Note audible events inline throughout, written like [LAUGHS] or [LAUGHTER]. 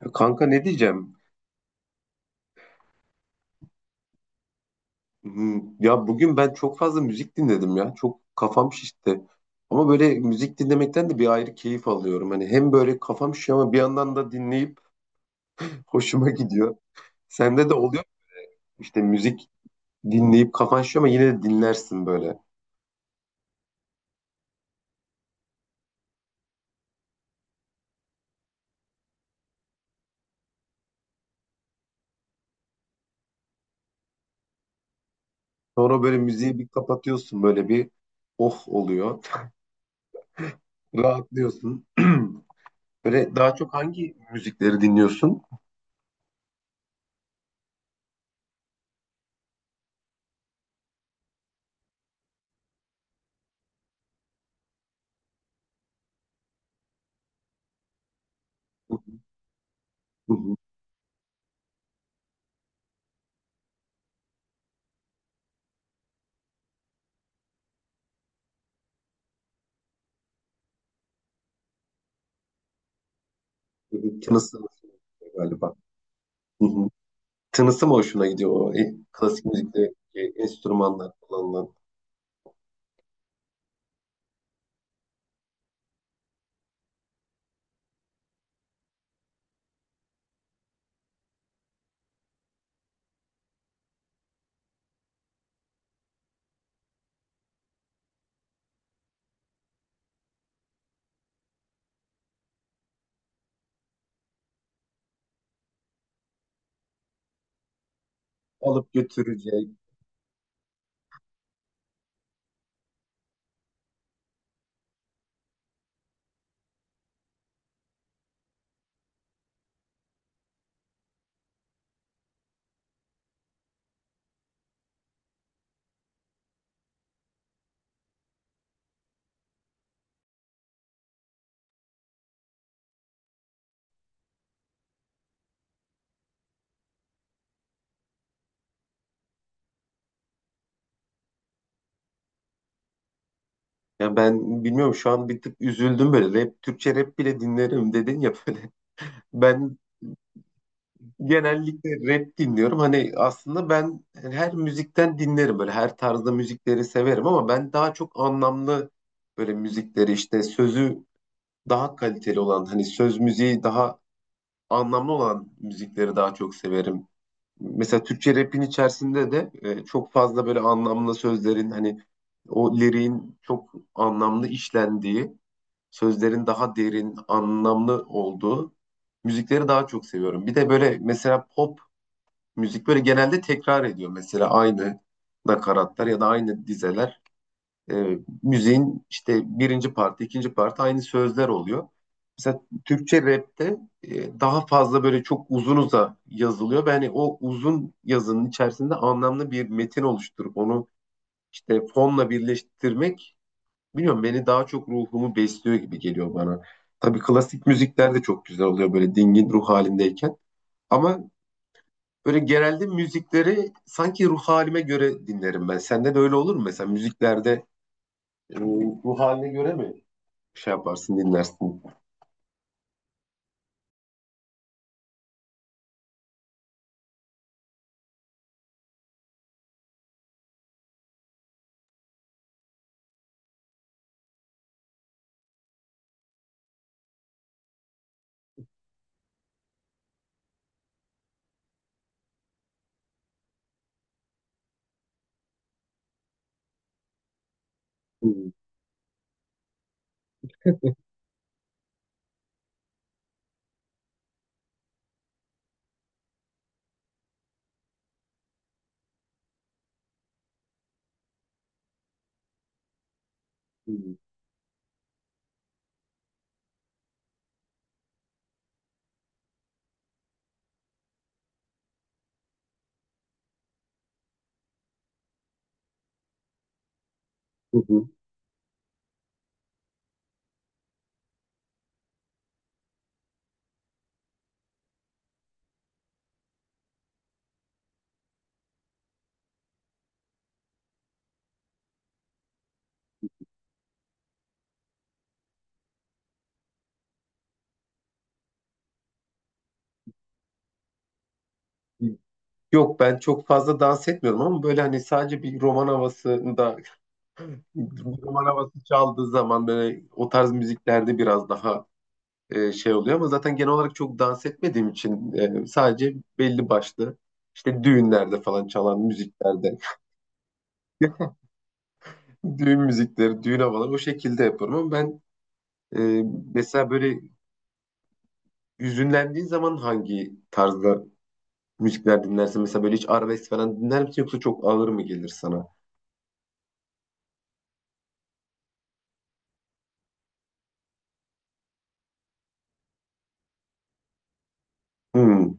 Ya kanka ne diyeceğim? Ya bugün ben çok fazla müzik dinledim ya. Çok kafam şişti. Ama böyle müzik dinlemekten de bir ayrı keyif alıyorum. Hani hem böyle kafam şişiyor ama bir yandan da dinleyip hoşuma gidiyor. Sende de oluyor mu? İşte müzik dinleyip kafan şişiyor ama yine de dinlersin böyle. Sonra böyle müziği bir kapatıyorsun böyle bir oh oluyor. [LAUGHS] Rahatlıyorsun. [CLEARS THROAT] Böyle daha çok hangi müzikleri dinliyorsun? [LAUGHS] Hı hı, galiba. [LAUGHS] Tınısı mı hoşuna gidiyor o klasik müzikteki enstrümanlar kullanılan? Alıp götürecek. Ya ben bilmiyorum şu an bir tık üzüldüm böyle. Rap, Türkçe rap bile dinlerim dedin ya böyle. [LAUGHS] Ben genellikle rap dinliyorum. Hani aslında ben her müzikten dinlerim böyle. Her tarzda müzikleri severim ama ben daha çok anlamlı böyle müzikleri işte sözü daha kaliteli olan hani söz müziği daha anlamlı olan müzikleri daha çok severim. Mesela Türkçe rap'in içerisinde de çok fazla böyle anlamlı sözlerin hani o liriğin çok anlamlı işlendiği, sözlerin daha derin, anlamlı olduğu müzikleri daha çok seviyorum. Bir de böyle mesela pop müzik böyle genelde tekrar ediyor. Mesela aynı nakaratlar ya da aynı dizeler. E, Müziğin işte birinci parti, ikinci parti aynı sözler oluyor. Mesela Türkçe rapte daha fazla böyle çok uzunuza yazılıyor. Yani o uzun yazının içerisinde anlamlı bir metin oluşturup onu işte fonla birleştirmek bilmiyorum beni daha çok ruhumu besliyor gibi geliyor bana. Tabii klasik müzikler de çok güzel oluyor böyle dingin ruh halindeyken. Ama böyle genelde müzikleri sanki ruh halime göre dinlerim ben. Sende de öyle olur mu? Mesela müziklerde ruh haline göre mi şey yaparsın, dinlersin. Hı hı, hı hı. Yok, ben çok fazla dans etmiyorum ama böyle hani sadece bir roman havasında bir roman havası çaldığı zaman böyle o tarz müziklerde biraz daha şey oluyor ama zaten genel olarak çok dans etmediğim için sadece belli başlı işte düğünlerde falan çalan müziklerde [LAUGHS] düğün müzikleri, düğün havaları o şekilde yapıyorum ama ben e, mesela böyle hüzünlendiğin zaman hangi tarzda müzikler dinlersin? Mesela böyle hiç arabesk falan dinler misin yoksa çok ağır mı gelir sana? Hmm.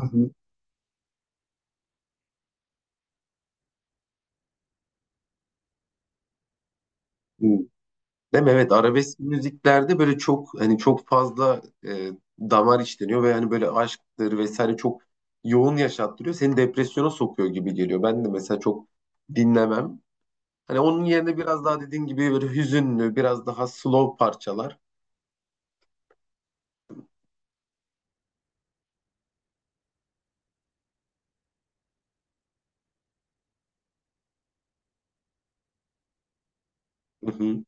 Hı hı. Hmm. Değil mi? Evet, arabesk müziklerde böyle çok hani çok fazla damar işleniyor ve hani böyle aşktır vesaire çok yoğun yaşattırıyor. Seni depresyona sokuyor gibi geliyor. Ben de mesela çok dinlemem. Hani onun yerine biraz daha dediğin gibi böyle hüzünlü, biraz daha slow parçalar. Hı hı.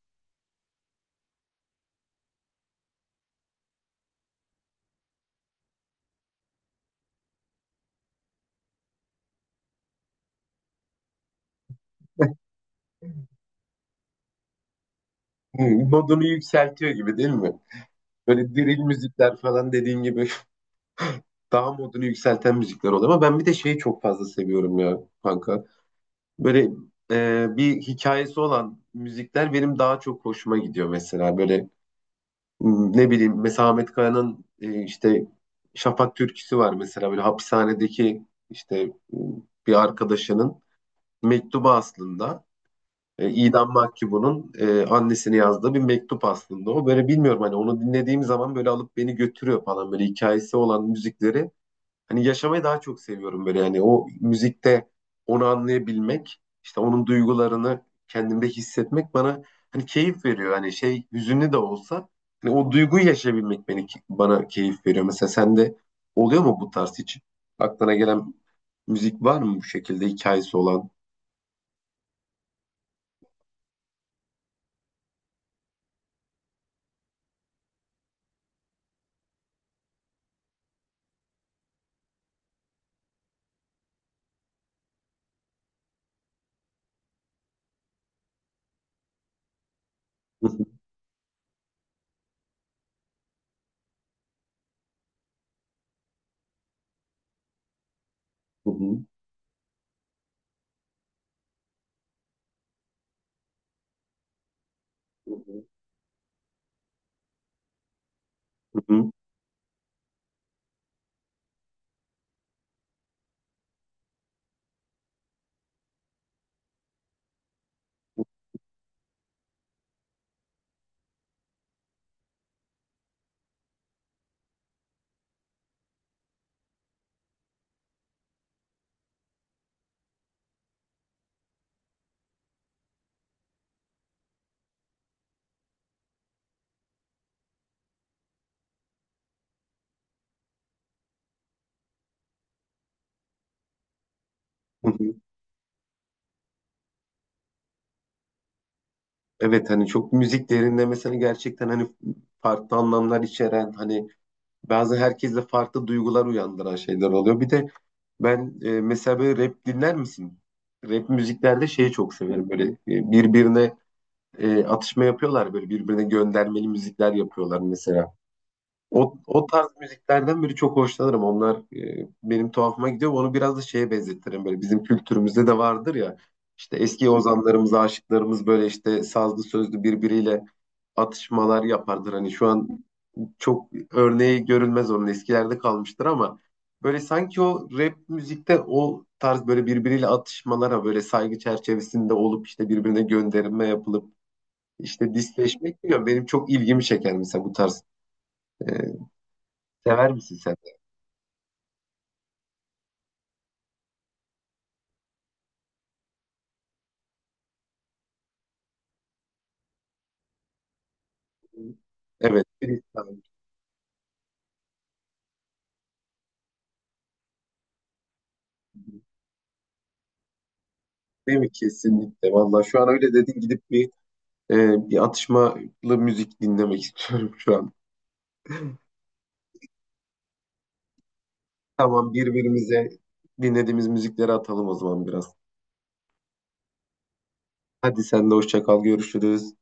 Hı, modunu yükseltiyor gibi değil mi? Böyle drill müzikler falan dediğin gibi. Daha modunu yükselten müzikler oluyor. Ama ben bir de şeyi çok fazla seviyorum ya kanka. Böyle bir hikayesi olan müzikler benim daha çok hoşuma gidiyor mesela. Böyle ne bileyim mesela Ahmet Kaya'nın işte Şafak türküsü var mesela. Böyle hapishanedeki işte m, bir arkadaşının mektubu aslında. İdam mahkumunun annesine yazdığı bir mektup aslında o. Böyle bilmiyorum hani onu dinlediğim zaman böyle alıp beni götürüyor falan. Böyle hikayesi olan müzikleri hani yaşamayı daha çok seviyorum böyle, yani o müzikte onu anlayabilmek, işte onun duygularını kendimde hissetmek bana hani keyif veriyor. Hani şey hüzünlü de olsa hani o duyguyu yaşayabilmek beni bana keyif veriyor. Mesela sende oluyor mu bu tarz hiç? Aklına gelen müzik var mı bu şekilde hikayesi olan? Hı hı, hı hı, hı hı, hı hı. Evet, hani çok müzik değerinde mesela gerçekten hani farklı anlamlar içeren hani bazı herkeste farklı duygular uyandıran şeyler oluyor. Bir de ben mesela böyle rap dinler misin? Rap müziklerde şeyi çok severim. Böyle birbirine atışma yapıyorlar. Böyle birbirine göndermeli müzikler yapıyorlar mesela. O, o tarz müziklerden biri çok hoşlanırım. Onlar benim tuhafıma gidiyor. Onu biraz da şeye benzetirim. Böyle bizim kültürümüzde de vardır ya. İşte eski ozanlarımız, aşıklarımız böyle işte sazlı sözlü birbiriyle atışmalar yapardır. Hani şu an çok örneği görülmez onun, eskilerde kalmıştır ama böyle sanki o rap müzikte o tarz böyle birbiriyle atışmalara böyle saygı çerçevesinde olup işte birbirine gönderme yapılıp işte disleşmek diyor. Benim çok ilgimi çeker mesela bu tarz. E, Sever misin sen de? Evet, freestyle. Değil mi? Kesinlikle. Vallahi şu an öyle dedin, gidip bir bir atışmalı müzik dinlemek [LAUGHS] istiyorum şu an. Tamam, birbirimize dinlediğimiz müzikleri atalım o zaman biraz. Hadi sen de hoşça kal, görüşürüz.